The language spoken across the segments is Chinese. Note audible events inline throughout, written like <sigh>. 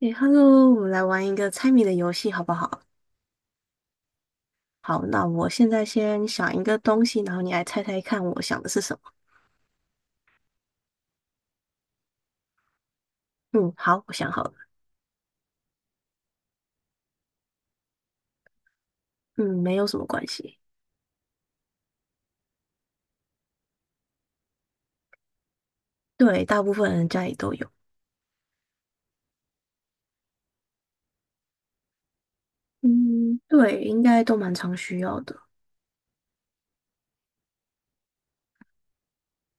诶，Hello，我们来玩一个猜谜的游戏，好不好？好，那我现在先想一个东西，然后你来猜猜看，我想的是什么？嗯，好，我想好了。嗯，没有什么关系。对，大部分人家里都有。嗯，对，应该都蛮常需要的，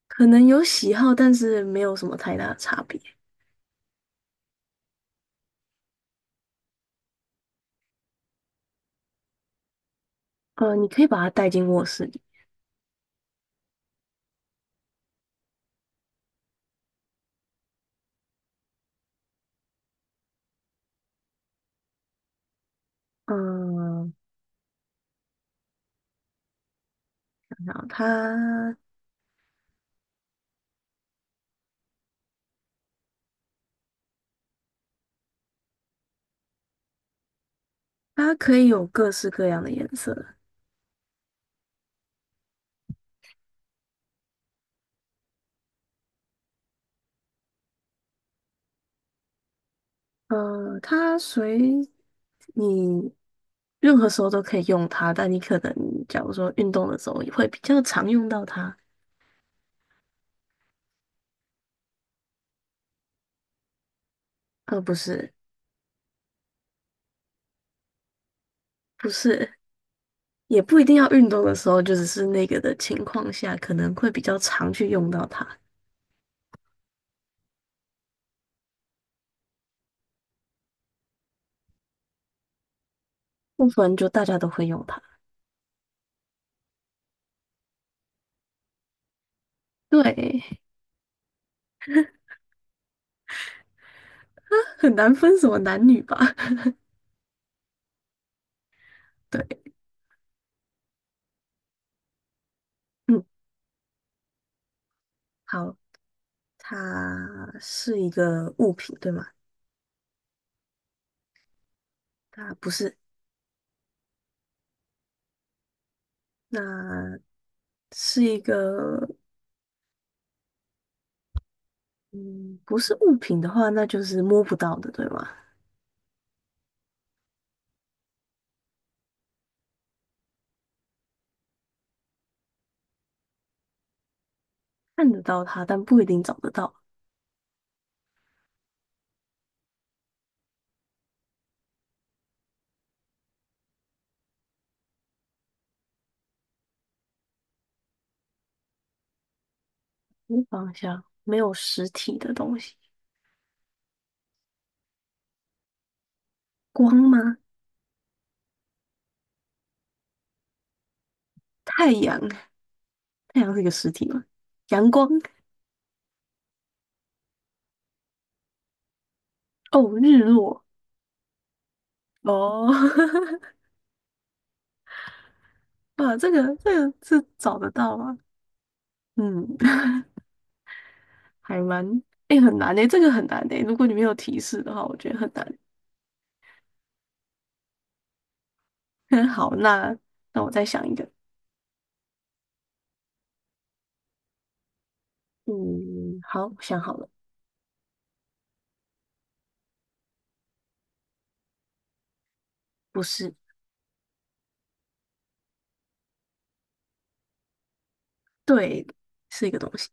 可能有喜好，但是没有什么太大的差别。你可以把它带进卧室里。嗯，想想它，它可以有各式各样的颜色。它随你任何时候都可以用它，但你可能假如说运动的时候也会比较常用到它，呃，不是，不是，也不一定要运动的时候，就只是那个的情况下，可能会比较常去用到它，不然就大家都会用它。对，<laughs> 很难分什么男女吧？<laughs> 对，嗯，好，它是一个物品，对吗？它不是，那是一个，嗯，不是物品的话，那就是摸不到的，对吗？看得到它，但不一定找得到。方向，没有实体的东西。光吗？太阳，太阳是一个实体吗？阳光，哦，日落，哦，<laughs> 哇，这个是找得到吗？嗯，<laughs> 还蛮，哎，很难诶，这个很难诶。如果你没有提示的话，我觉得很难。<laughs> 好，那我再想一个。嗯，好，我想好了，不是，对，是一个东西。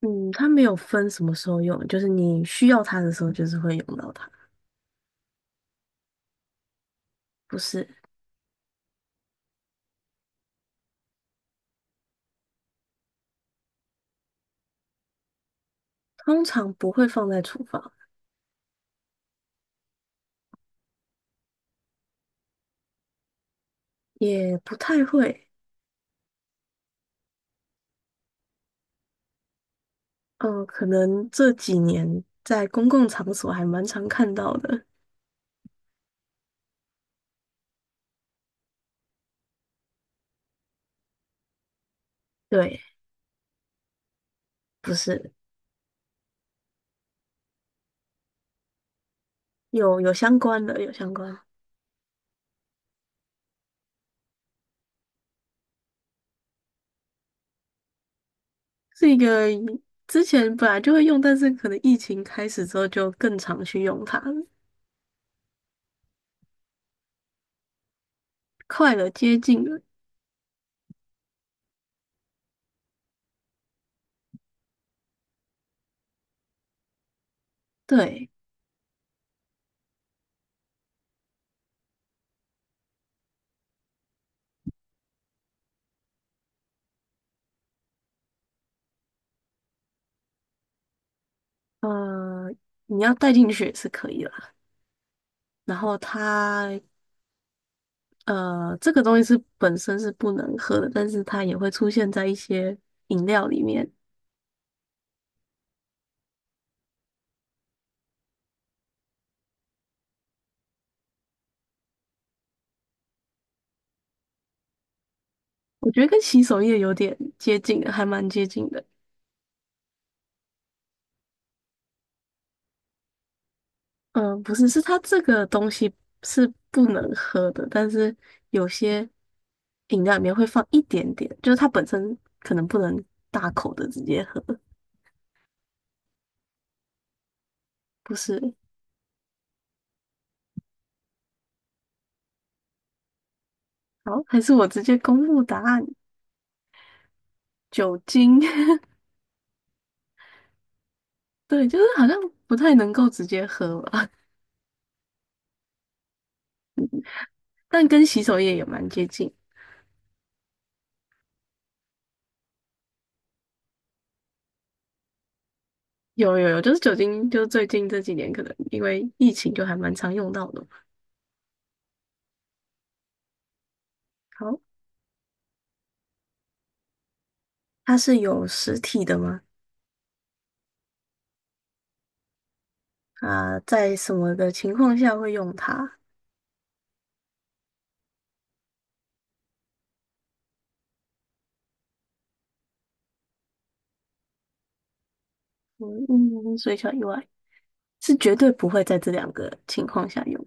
嗯，它没有分什么时候用，就是你需要它的时候，就是会用到它。不是，通常不会放在厨房，也不太会。嗯，可能这几年在公共场所还蛮常看到的。对，不是，有有相关的，有相关，是一个之前本来就会用，但是可能疫情开始之后就更常去用它了，快了，接近了。对，呃，你要带进去也是可以啦。然后它这个东西是本身是不能喝的，但是它也会出现在一些饮料里面。我觉得跟洗手液有点接近的，还蛮接近的。嗯、不是，是它这个东西是不能喝的，但是有些饮料里面会放一点点，就是它本身可能不能大口的直接喝。不是，好，还是我直接公布答案，酒精。<laughs> 对，就是好像不太能够直接喝吧，<laughs> 但跟洗手液也蛮接近。有有有，就是酒精，就是最近这几年可能因为疫情就还蛮常用到的。好，它是有实体的吗？啊，在什么的情况下会用它？嗯嗯，水饺以外是绝对不会在这两个情况下用，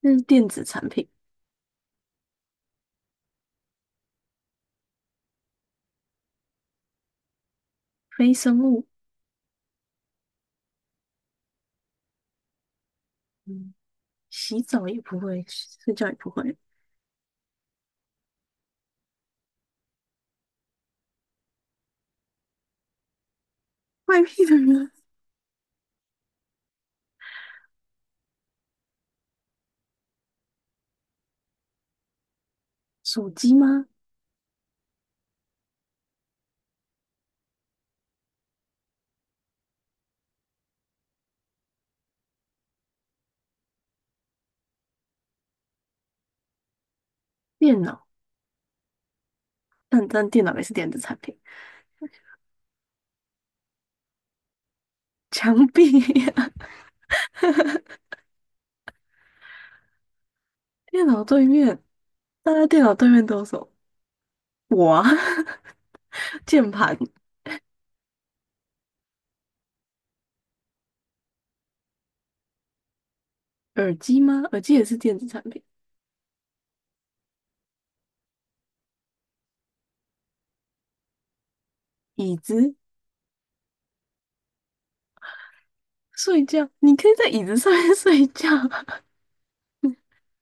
那是电子产品，非生物。嗯，洗澡也不会，睡觉也不会。外面的人，手机吗？电脑，但电脑也是电子产品。墙壁呀 <laughs> 电脑对面，大家电脑对面都有什么？我啊。<laughs> 键盘、耳机吗？耳机也是电子产品。椅子、睡觉，你可以在椅子上面 <laughs> 睡觉。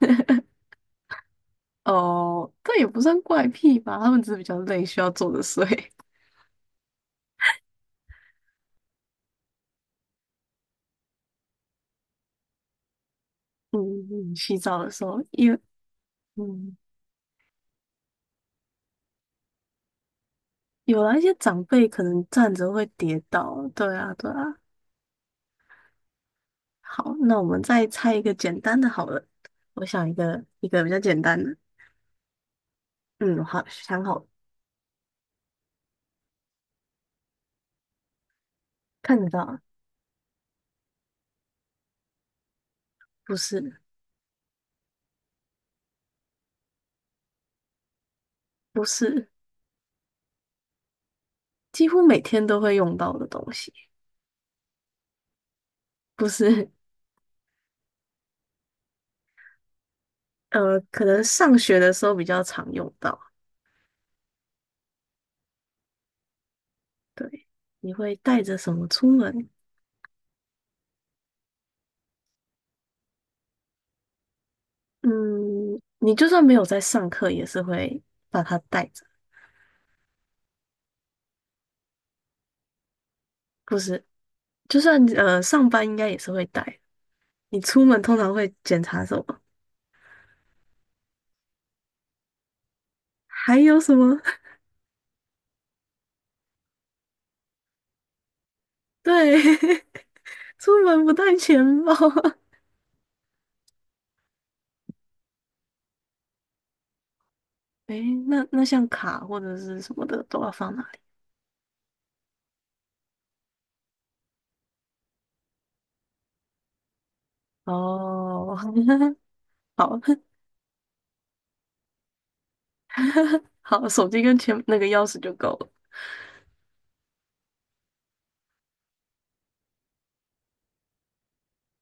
<laughs> 哦，但也不算怪癖吧，他们只是比较累，需要坐着睡。<laughs> 嗯，洗澡的时候，因为嗯，有啊，一些长辈可能站着会跌倒。对啊，对啊。好，那我们再猜一个简单的好了。我想一个比较简单的。嗯，好，想好了看得到啊不是，不是，几乎每天都会用到的东西。不是，可能上学的时候比较常用到。对，你会带着什么出门？嗯，你就算没有在上课，也是会把它带着。不是，就算上班，应该也是会带。你出门通常会检查什么？还有什么？<laughs> 对，<laughs> 出门不带钱包。<laughs> 诶，那像卡或者是什么的都要放哪里？哦，<laughs> 好 <laughs> 好，手机跟钱那个钥匙就够了。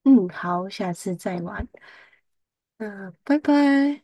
嗯，好，下次再玩。嗯，拜拜。